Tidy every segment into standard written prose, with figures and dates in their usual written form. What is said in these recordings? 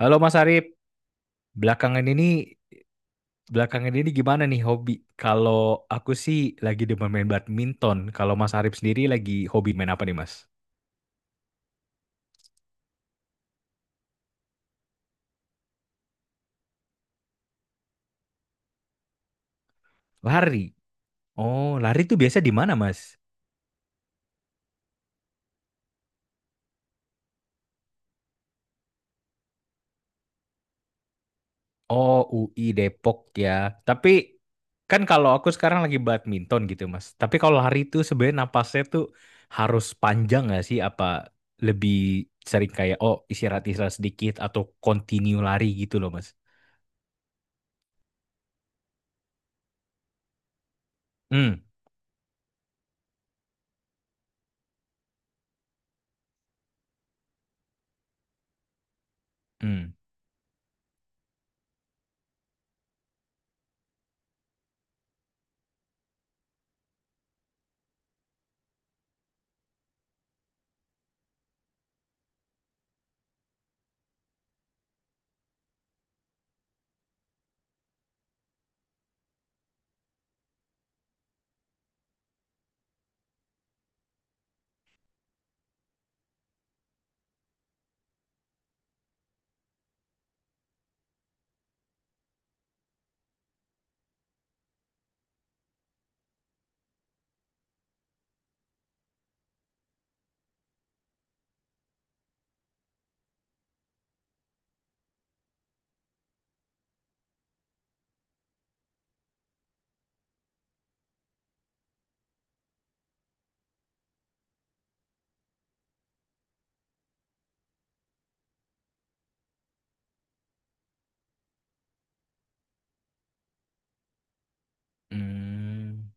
Halo Mas Arif, belakangan ini belakangan ini gimana nih hobi? Kalau aku sih lagi demen main badminton. Kalau Mas Arif sendiri lagi hobi main apa nih Mas? Lari. Oh, lari tuh biasa di mana Mas? Oh, UI Depok ya. Tapi kan kalau aku sekarang lagi badminton gitu Mas. Tapi kalau lari tuh sebenarnya napasnya tuh harus panjang nggak sih? Apa lebih sering kayak oh istirahat istirahat sedikit atau continue lari gitu loh Mas? Hmm, hmm, hmm.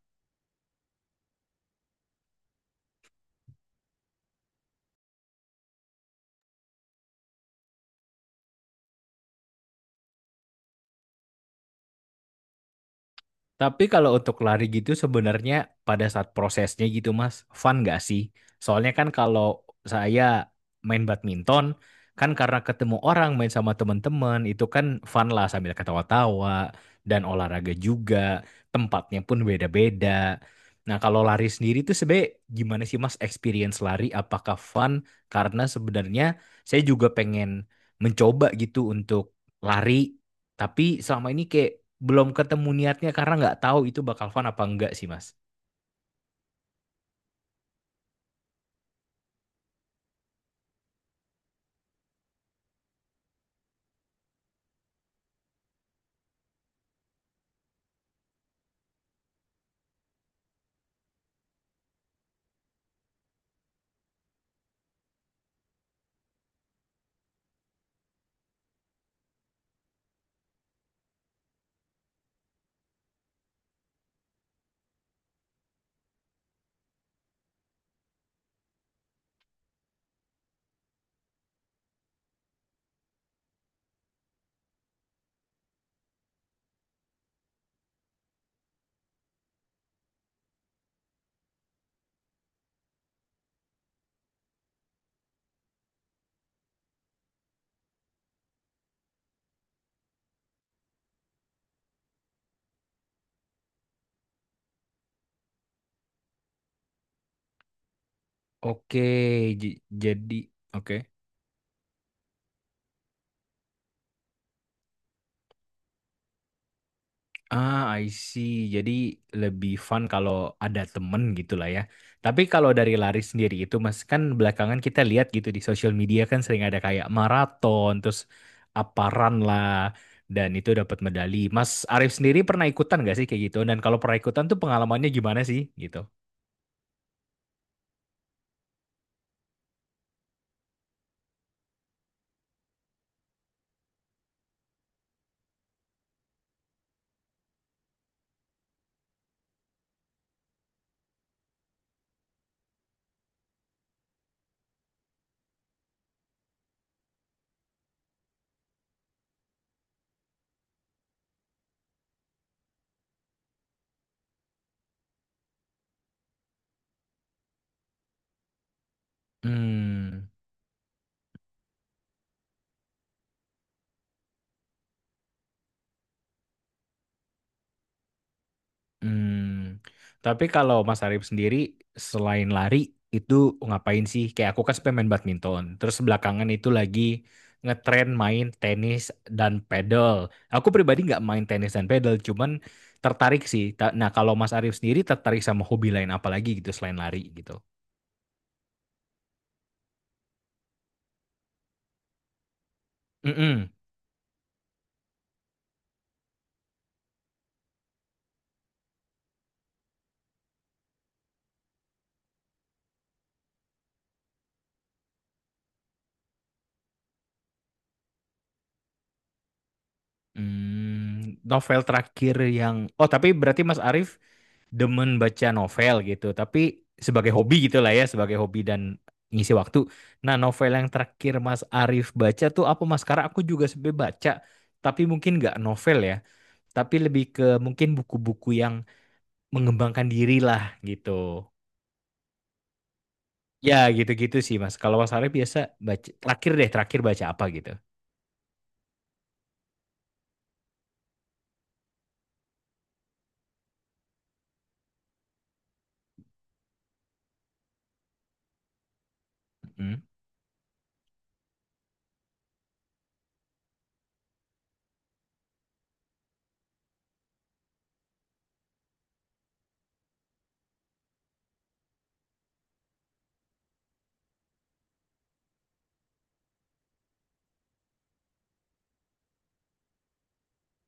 Tapi kalau untuk lari gitu sebenarnya pada saat prosesnya gitu Mas, fun gak sih? Soalnya kan kalau saya main badminton, kan karena ketemu orang main sama teman-teman, itu kan fun lah sambil ketawa-tawa dan olahraga juga, tempatnya pun beda-beda. Nah, kalau lari sendiri itu sebenarnya gimana sih Mas experience lari? Apakah fun? Karena sebenarnya saya juga pengen mencoba gitu untuk lari, tapi selama ini kayak belum ketemu niatnya karena nggak tahu itu bakal fun apa enggak sih Mas. Oke, jadi oke. Ah, I see. Jadi lebih fun kalau ada temen gitu lah ya. Tapi kalau dari lari sendiri itu Mas kan belakangan kita lihat gitu di sosial media kan sering ada kayak maraton, terus apa run lah dan itu dapat medali. Mas Arif sendiri pernah ikutan nggak sih kayak gitu? Dan kalau pernah ikutan tuh pengalamannya gimana sih gitu? Hmm. Hmm, tapi kalau Mas Arif sendiri selain lari itu ngapain sih? Kayak aku kan suka main badminton. Terus belakangan itu lagi ngetren main tenis dan pedal. Aku pribadi nggak main tenis dan pedal, cuman tertarik sih. Nah, kalau Mas Arif sendiri tertarik sama hobi lain apa lagi gitu selain lari gitu? Mm-mm. Hmm, novel terakhir yang oh, tapi berarti Mas Arif demen baca novel gitu, tapi sebagai hobi gitu lah ya, sebagai hobi dan ngisi waktu. Nah, novel yang terakhir Mas Arif baca tuh apa Mas? Karena aku juga sebenarnya baca, tapi mungkin nggak novel ya, tapi lebih ke mungkin buku-buku yang mengembangkan diri lah gitu. Ya, gitu-gitu sih Mas. Kalau Mas Arif biasa baca terakhir deh, terakhir baca apa gitu? Hmm,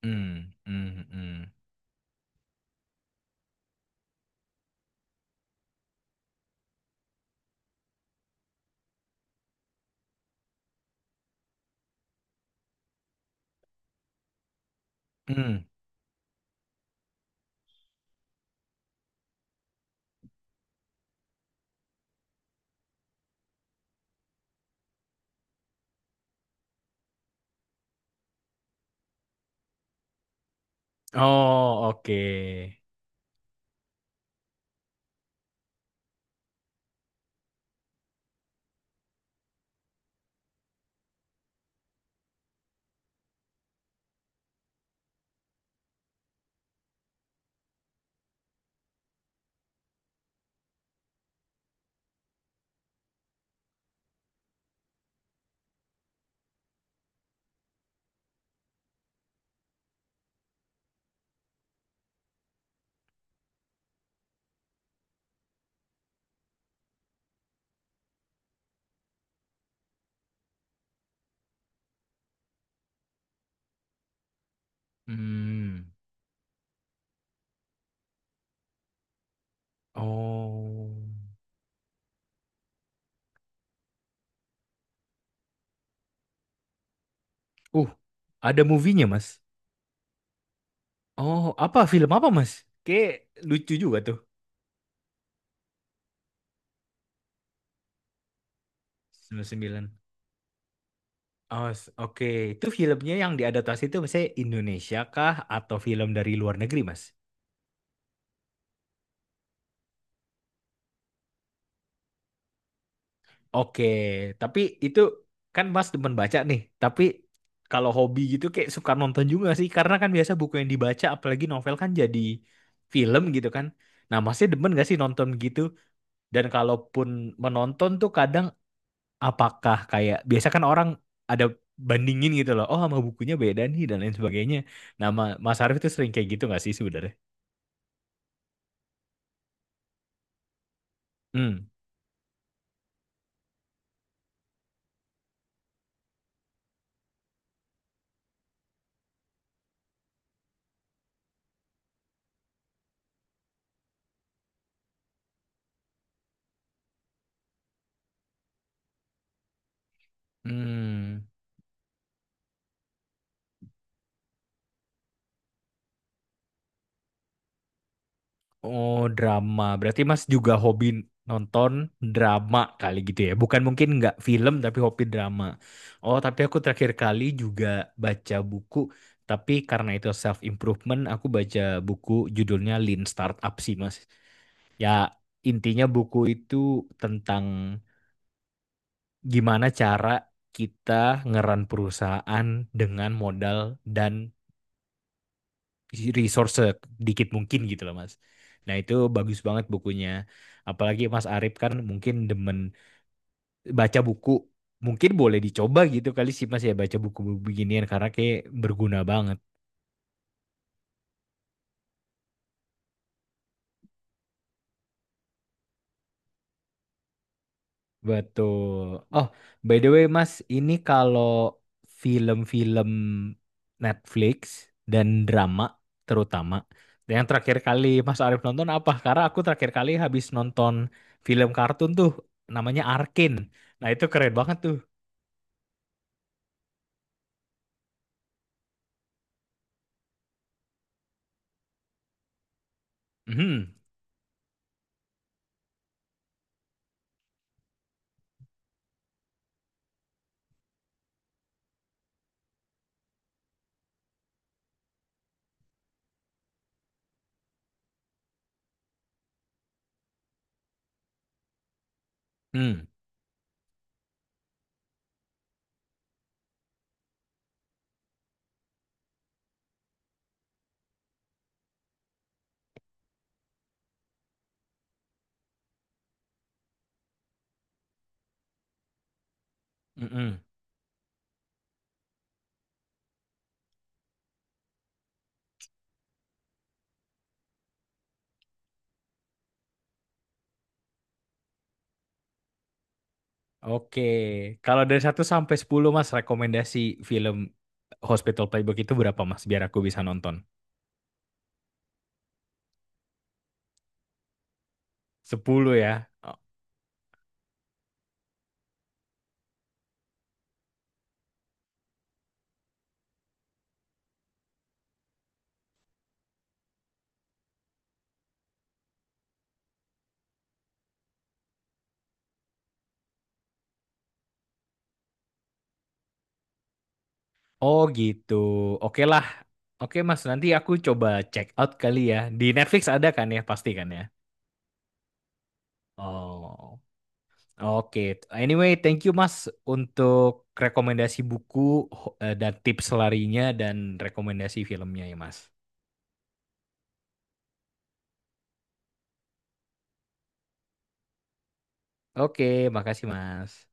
hmm, hmm, hmm. Hmm. Oh, oke. Hmm. Oh. Uh, ada movie-nya, Mas. Oh, apa film apa, Mas? Kayak lucu juga tuh. 99. Oh, oke. Itu filmnya yang diadaptasi itu misalnya Indonesia kah atau film dari luar negeri, Mas? Oke, tapi itu kan Mas demen baca nih. Tapi kalau hobi gitu kayak suka nonton juga sih karena kan biasa buku yang dibaca apalagi novel kan jadi film gitu kan. Nah, Masnya demen gak sih nonton gitu? Dan kalaupun menonton tuh kadang apakah kayak biasa kan orang ada bandingin gitu loh oh sama bukunya beda nih dan lain sebagainya nama Mas Arief itu sering kayak gitu nggak sih sebenarnya. Hmm, hmm. Oh, drama berarti Mas juga hobi nonton drama kali gitu ya bukan mungkin nggak film tapi hobi drama. Oh, tapi aku terakhir kali juga baca buku tapi karena itu self improvement aku baca buku judulnya Lean Startup sih Mas, ya intinya buku itu tentang gimana cara kita ngeran perusahaan dengan modal dan resource dikit mungkin gitu loh Mas. Nah itu bagus banget bukunya. Apalagi Mas Arif kan mungkin demen baca buku. Mungkin boleh dicoba gitu kali sih Mas ya baca buku beginian karena kayak berguna banget. Betul. Oh, by the way, Mas, ini kalau film-film Netflix dan drama terutama, yang terakhir kali Mas Arif nonton apa? Karena aku terakhir kali habis nonton film kartun tuh, namanya Arkin. Nah, itu keren banget tuh. Mhm. Hmm. Mhm. Oke. Kalau dari 1 sampai 10 Mas, rekomendasi film Hospital Playbook itu berapa, Mas? Biar aku bisa nonton. 10 ya. Oh gitu. Oke lah. Oke Mas, nanti aku coba check out kali ya. Di Netflix ada kan ya, pasti kan ya. Oh. Oke. Anyway, thank you Mas untuk rekomendasi buku dan tips larinya dan rekomendasi filmnya ya Mas. Oke, makasih Mas.